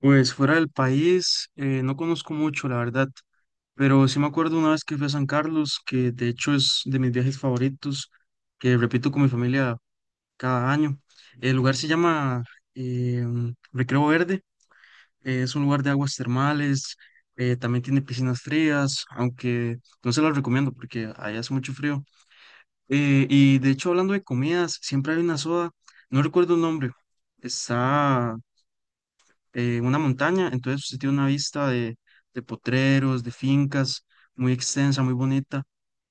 Pues fuera del país, no conozco mucho, la verdad, pero sí me acuerdo una vez que fui a San Carlos, que de hecho es de mis viajes favoritos, que repito con mi familia cada año. El lugar se llama eh, Recreo Verde. Es un lugar de aguas termales. También tiene piscinas frías, aunque no se las recomiendo porque allá hace mucho frío. Y de hecho, hablando de comidas, siempre hay una soda, no recuerdo el nombre, está una montaña, entonces usted tiene una vista de potreros, de fincas, muy extensa, muy bonita,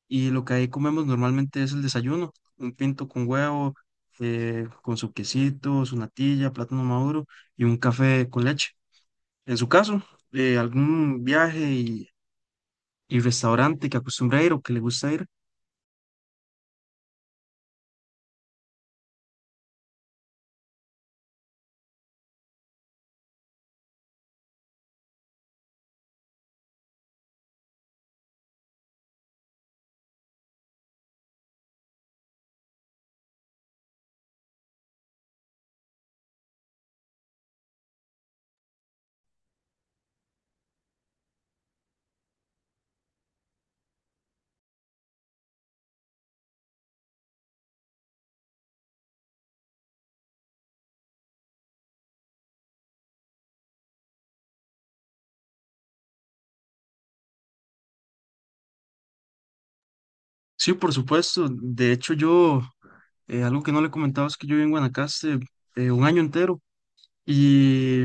y lo que ahí comemos normalmente es el desayuno, un pinto con huevo, con su quesito, su natilla, plátano maduro y un café con leche. En su caso, algún viaje y restaurante que acostumbra ir o que le gusta ir. Sí, por supuesto. De hecho, yo, algo que no le comentaba es que yo viví en Guanacaste un año entero y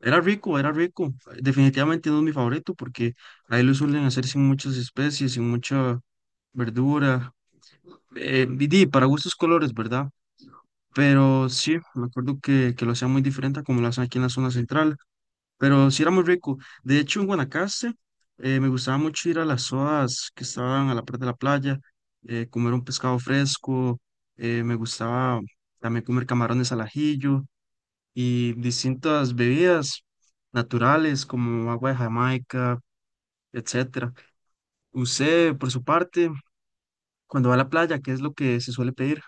era rico, era rico. Definitivamente no es mi favorito porque ahí lo suelen hacer sin muchas especies, sin mucha verdura. Y di, para gustos colores, ¿verdad? Pero sí, me acuerdo que lo hacían muy diferente a como lo hacen aquí en la zona central, pero sí era muy rico. De hecho, en Guanacaste me gustaba mucho ir a las zonas que estaban a la parte de la playa, comer un pescado fresco. Me gustaba también comer camarones al ajillo y distintas bebidas naturales como agua de Jamaica, etcétera. Usted, por su parte, cuando va a la playa, ¿qué es lo que se suele pedir?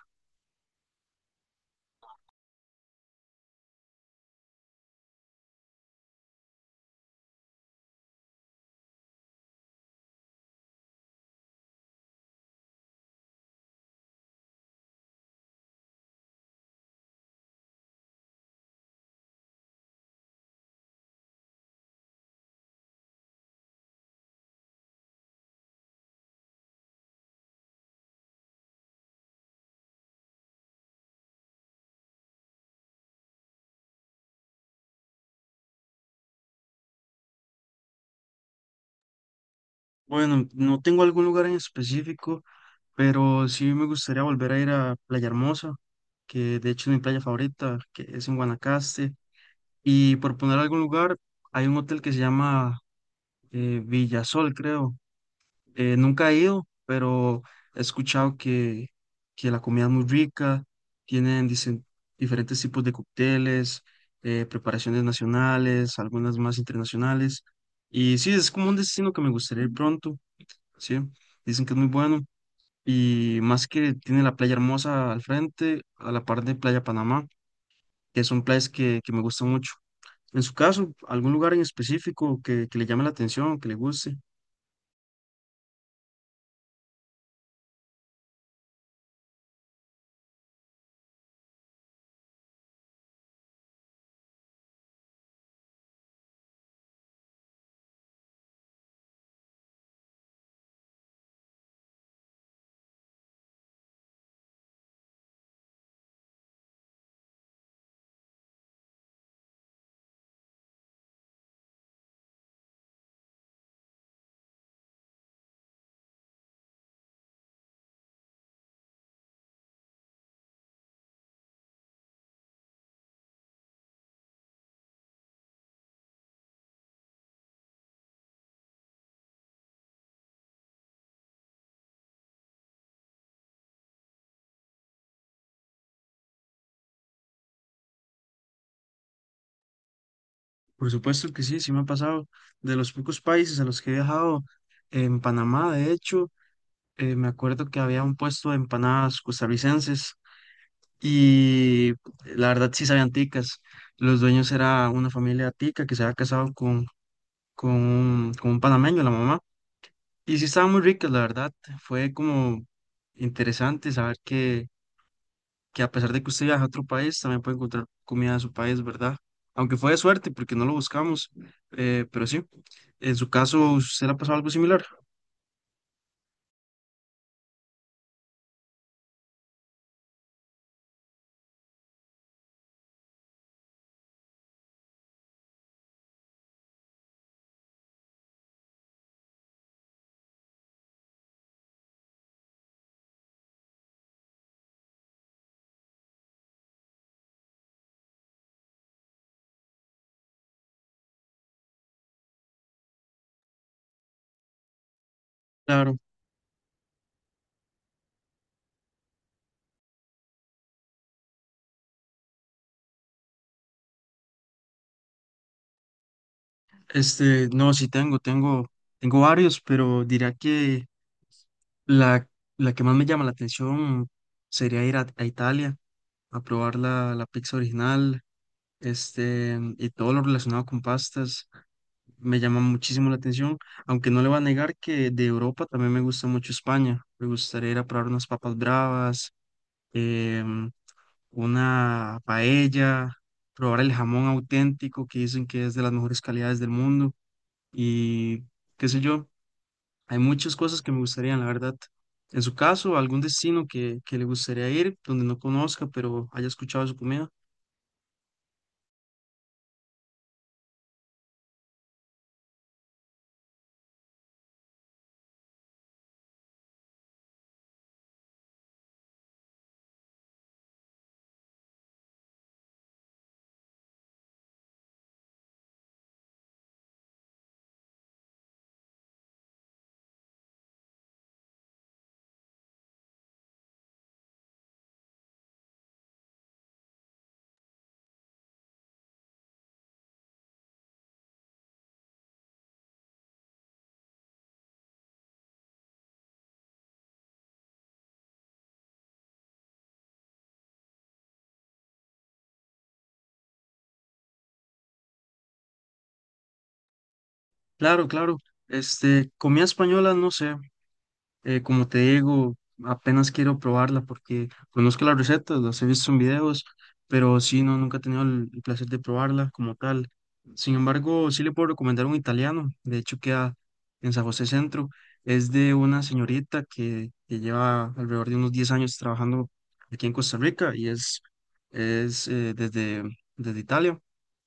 Bueno, no tengo algún lugar en específico, pero sí me gustaría volver a ir a Playa Hermosa, que de hecho es mi playa favorita, que es en Guanacaste. Y por poner algún lugar, hay un hotel que se llama Villasol, creo. Nunca he ido, pero he escuchado que la comida es muy rica, tienen dicen, diferentes tipos de cócteles, preparaciones nacionales, algunas más internacionales. Y sí, es como un destino que me gustaría ir pronto. Sí, dicen que es muy bueno y más que tiene la playa hermosa al frente, a la par de Playa Panamá, que son playas que me gustan mucho. En su caso, ¿algún lugar en específico que le llame la atención, que le guste? Por supuesto que sí, sí me ha pasado. De los pocos países a los que he viajado, en Panamá, de hecho, me acuerdo que había un puesto de empanadas costarricenses y la verdad sí sabían ticas. Los dueños era una familia tica que se había casado con un panameño, la mamá. Y sí estaban muy ricas, la verdad. Fue como interesante saber que a pesar de que usted viaja a otro país, también puede encontrar comida de su país, ¿verdad? Aunque fue de suerte, porque no lo buscamos, pero sí. En su caso, ¿usted le ha pasado algo similar? Claro. Este, no, sí tengo, tengo, tengo varios, pero diría que la, la que más me llama la atención sería ir a Italia a probar la, la pizza original, este, y todo lo relacionado con pastas. Me llama muchísimo la atención, aunque no le voy a negar que de Europa también me gusta mucho España. Me gustaría ir a probar unas papas bravas, em, una paella, probar el jamón auténtico que dicen que es de las mejores calidades del mundo y qué sé yo, hay muchas cosas que me gustarían, la verdad. En su caso, algún destino que le gustaría ir, donde no conozca, pero haya escuchado su comida. Claro, claro. Este, comida española, no sé. Como te digo, apenas quiero probarla porque conozco las recetas, las he visto en videos, pero sí, no, nunca he tenido el placer de probarla como tal. Sin embargo, sí le puedo recomendar un italiano, de hecho queda en San José Centro, es de una señorita que lleva alrededor de unos 10 años trabajando aquí en Costa Rica y es desde, desde Italia.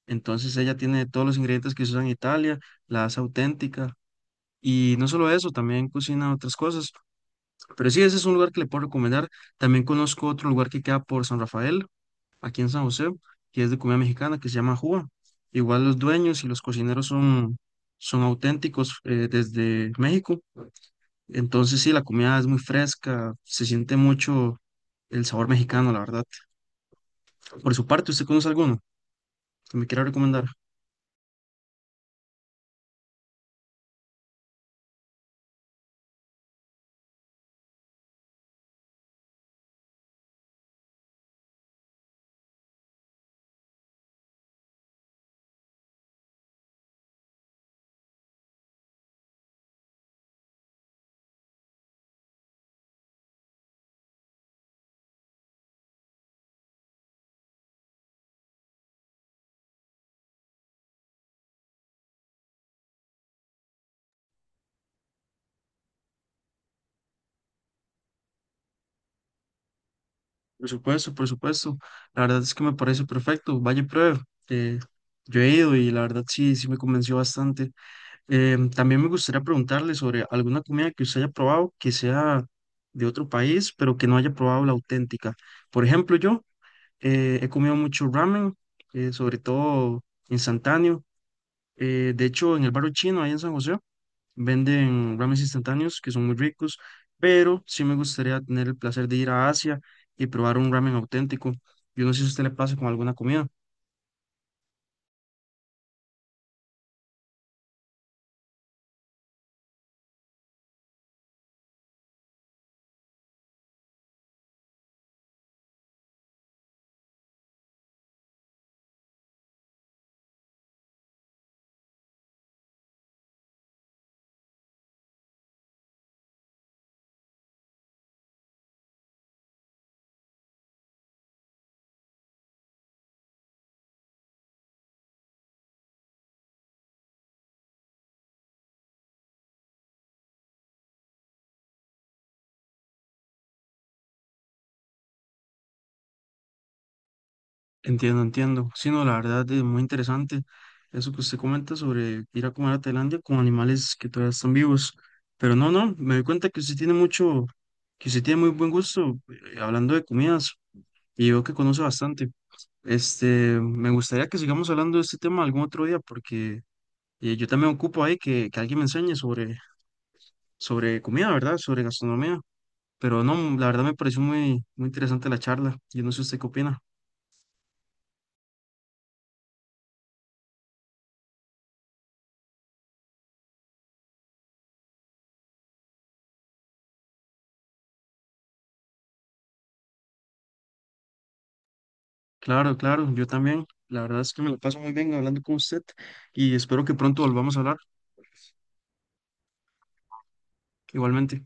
Entonces ella tiene todos los ingredientes que se usan en Italia, la hace auténtica. Y no solo eso, también cocina otras cosas. Pero sí, ese es un lugar que le puedo recomendar. También conozco otro lugar que queda por San Rafael, aquí en San José, que es de comida mexicana, que se llama Juba. Igual los dueños y los cocineros son, son auténticos, desde México. Entonces sí, la comida es muy fresca, se siente mucho el sabor mexicano, la verdad. Por su parte, ¿usted conoce alguno que me quiera recomendar? Por supuesto, por supuesto. La verdad es que me parece perfecto. Vaya y pruebe. Eh, yo he ido y la verdad sí, sí me convenció bastante. También me gustaría preguntarle sobre alguna comida que usted haya probado que sea de otro país, pero que no haya probado la auténtica. Por ejemplo, yo he comido mucho ramen, sobre todo instantáneo. De hecho, en el barrio chino, ahí en San José, venden ramen instantáneos que son muy ricos, pero sí me gustaría tener el placer de ir a Asia y probar un ramen auténtico. Yo no sé si a usted le pasa con alguna comida. Entiendo, entiendo. Sí, no, la verdad es muy interesante eso que usted comenta sobre ir a comer a Tailandia con animales que todavía están vivos. Pero no, no, me doy cuenta que usted tiene mucho, que usted tiene muy buen gusto, hablando de comidas y veo que conoce bastante. Este, me gustaría que sigamos hablando de este tema algún otro día porque yo también ocupo ahí que alguien me enseñe sobre, sobre comida, ¿verdad? Sobre gastronomía. Pero no, la verdad me pareció muy, muy interesante la charla. Yo no sé usted qué opina. Claro, claro, yo también. La verdad es que me lo paso muy bien hablando con usted y espero que pronto volvamos a hablar igualmente.